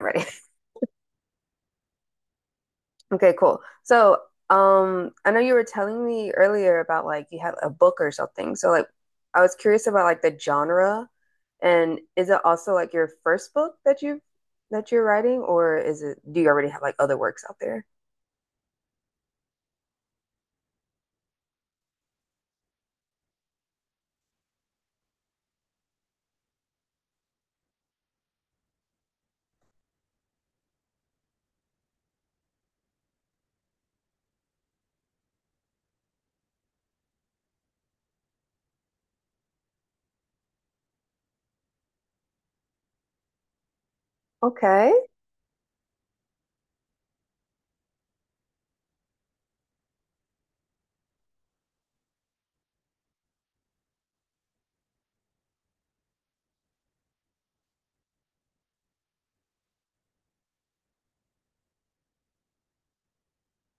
Right. Okay, cool. I know you were telling me earlier about like you had a book or something. So like I was curious about like the genre, and is it also like your first book that you're writing, or is it do you already have like other works out there? Okay.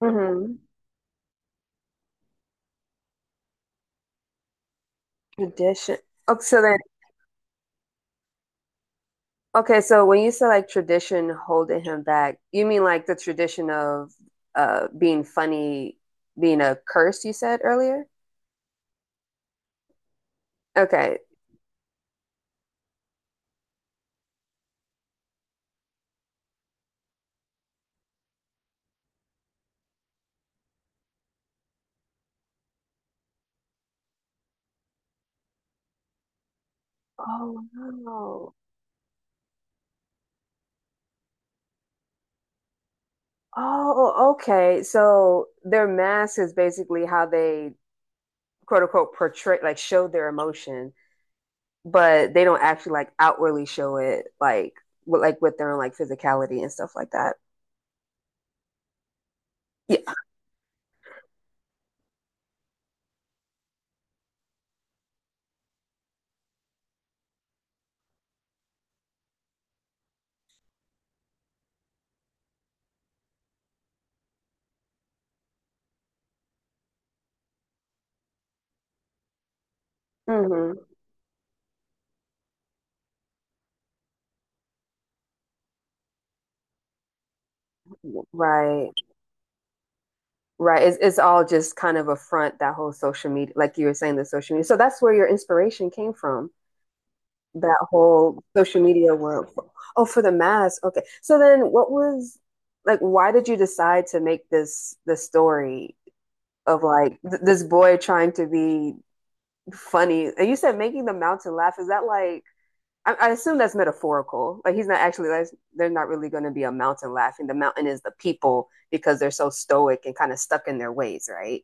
Mm-hmm. Tradition. Oh, so then okay, so when you say like tradition holding him back, you mean like the tradition of being funny being a curse you said earlier? Okay. Oh no. Oh, okay. So their mask is basically how they quote unquote portray, like show their emotion, but they don't actually like outwardly show it, like with their own like physicality and stuff like that. Yeah. hmm Right. Right. It's all just kind of a front, that whole social media, like you were saying, the social media. So that's where your inspiration came from, that whole social media world. Oh, for the mask. Okay. So then what was like why did you decide to make this the story of this boy trying to be funny. And you said making the mountain laugh. Is that like I assume that's metaphorical. Like he's not actually like they're not really going to be a mountain laughing. The mountain is the people because they're so stoic and kind of stuck in their ways, right?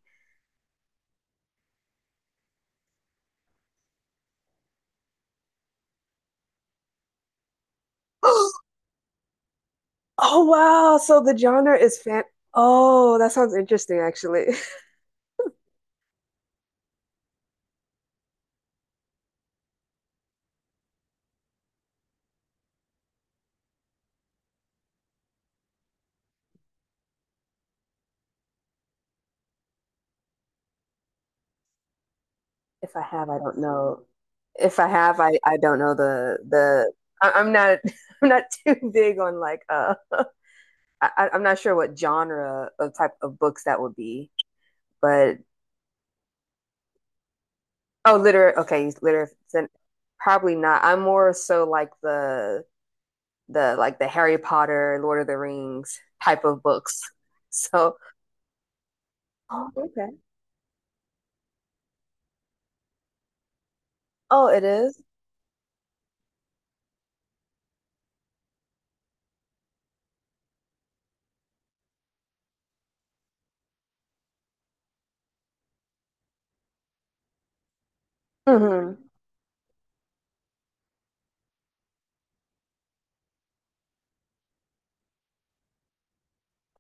Oh wow! So the genre is fan. Oh, that sounds interesting, actually. If I have, I don't know. If I have, I don't know the. I'm not I'm not too big on like I- am not sure what genre of type of books that would be, but oh, literary. Okay, literary. Probably not. I'm more so like the like the Harry Potter, Lord of the Rings type of books. So, oh, okay. Oh, it is? Mm-hmm.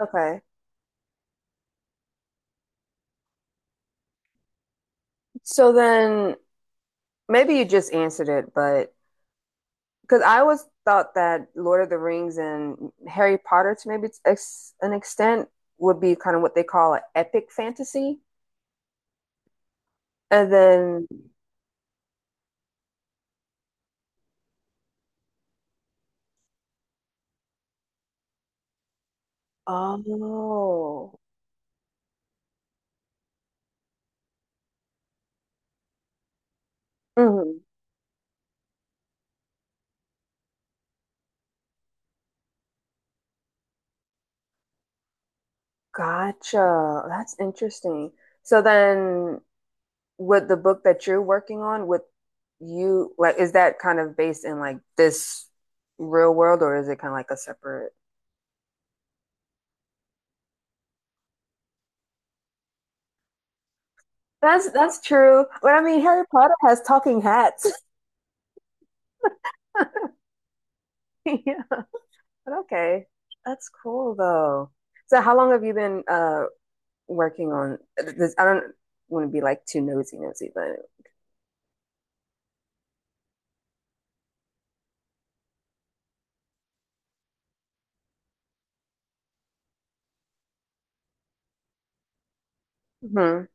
Okay. So then maybe you just answered it, but because I always thought that Lord of the Rings and Harry Potter, to maybe an extent, would be kind of what they call an epic fantasy. And then, oh, mhm, gotcha. That's interesting. So then, with the book that you're working on, with you, like, is that kind of based in like this real world, or is it kind of like a separate? That's true. But I mean, Harry Potter has talking hats. Yeah. But okay, that's cool though. So how long have you been working on this? I don't want to be like too nosy nosy, but hmm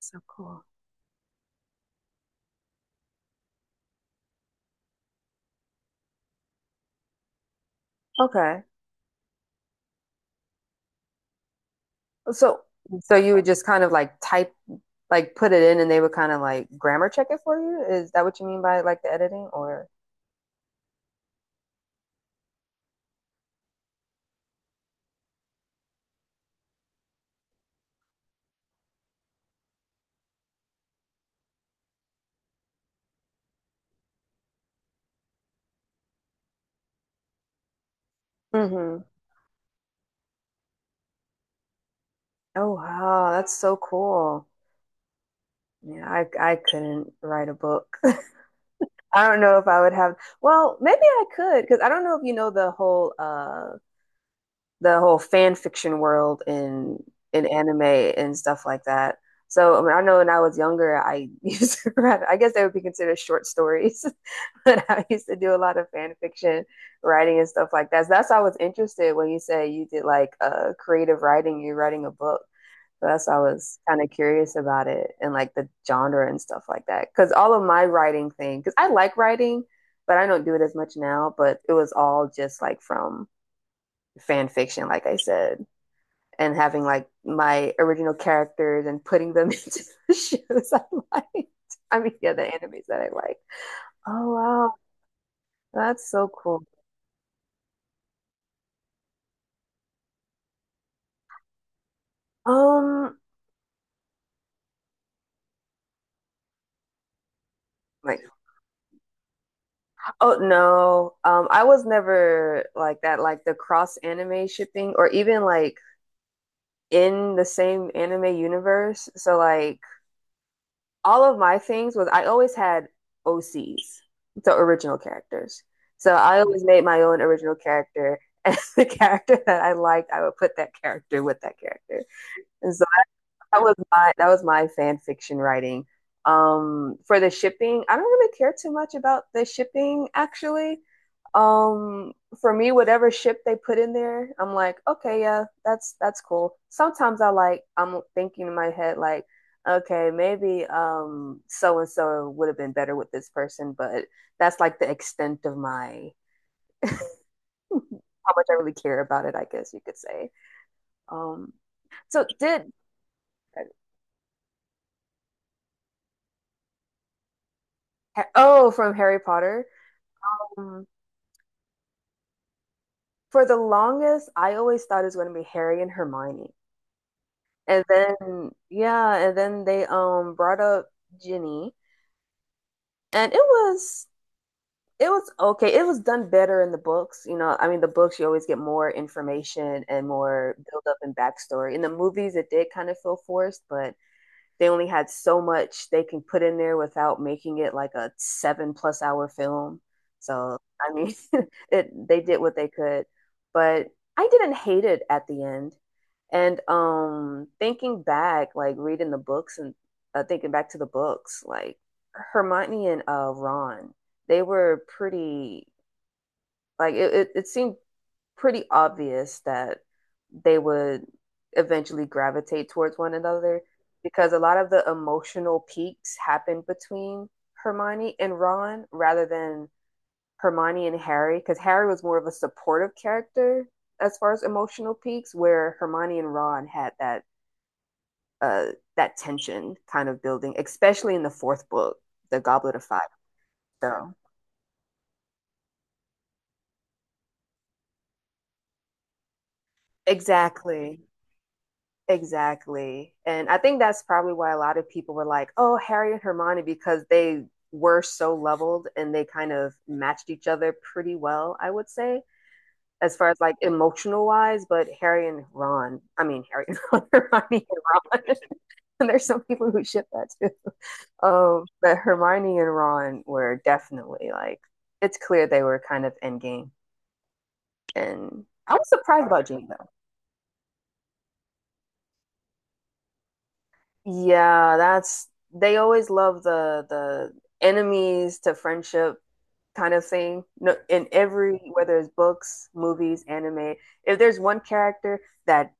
so cool. Okay, so so you would just kind of like type like put it in, and they would kind of like grammar check it for you. Is that what you mean by like the editing or? Hmm. Oh wow, that's so cool. Yeah, I couldn't write a book. I don't know if I would have. Well, maybe I could because I don't know if you know the whole fan fiction world in anime and stuff like that. So I, mean, I know when I was younger, I used to write, I guess they would be considered short stories, but I used to do a lot of fan fiction writing and stuff like that. So that's why I was interested when you say you did like creative writing, you're writing a book. So that's why I was kind of curious about it and like the genre and stuff like that. Because all of my writing thing, because I like writing, but I don't do it as much now, but it was all just like from fan fiction, like I said and having like my original characters and putting them into the shows I liked. I mean, yeah, the animes that I like. Oh wow, that's so cool. Um, like oh no, I was never like that. Like the cross anime shipping, or even like in the same anime universe. So like all of my things was I always had OCs, so original characters. So I always made my own original character, and the character that I liked, I would put that character with that character. And so that was my fan fiction writing. For the shipping, I don't really care too much about the shipping actually. Um, for me, whatever ship they put in there, I'm like, okay, yeah, that's cool. Sometimes I like I'm thinking in my head like, okay, maybe so and so would have been better with this person, but that's like the extent of my how much I really care about it, I guess you could say. Um, so did oh from Harry Potter. Um, for the longest, I always thought it was going to be Harry and Hermione, and then yeah, and then they brought up Ginny. And it was okay. It was done better in the books. You know, I mean, the books you always get more information and more build up and backstory. In the movies, it did kind of feel forced, but they only had so much they can put in there without making it like a seven plus hour film. So I mean, it they did what they could, but I didn't hate it at the end. And thinking back, like reading the books and thinking back to the books, like Hermione and Ron, they were pretty like it seemed pretty obvious that they would eventually gravitate towards one another because a lot of the emotional peaks happened between Hermione and Ron rather than Hermione and Harry because Harry was more of a supportive character as far as emotional peaks where Hermione and Ron had that uh that tension kind of building, especially in the fourth book, the Goblet of Fire, so exactly. Exactly. And I think that's probably why a lot of people were like, oh, Harry and Hermione, because they were so leveled and they kind of matched each other pretty well, I would say, as far as like emotional wise. But Harry and Ron, I mean, Harry and Ron, Hermione and Ron, and there's some people who ship that too. But Hermione and Ron were definitely like, it's clear they were kind of endgame. And I was surprised about Jane, though. Yeah, that's they always love the enemies to friendship kind of thing. No, in every whether it's books, movies, anime, if there's one character that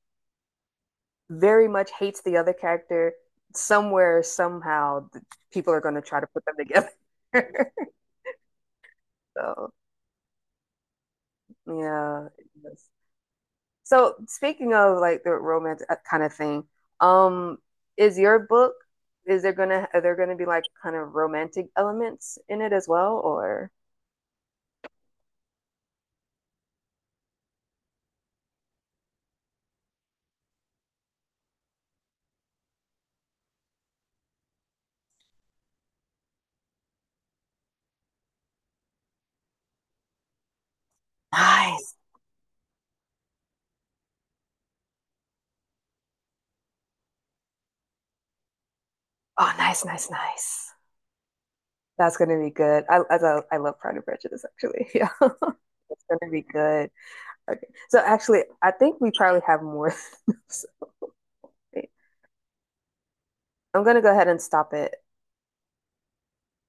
very much hates the other character, somewhere somehow the people are going to try to put them together. So, yeah. So speaking of like the romance kind of thing, um, is your book is there gonna are there gonna be like kind of romantic elements in it as well or? Nice. Oh, nice, nice, nice. That's gonna be good. I love Pride and Prejudice actually. Yeah, it's gonna be good. Okay, so actually, I think we probably have more. I'm gonna go ahead and stop it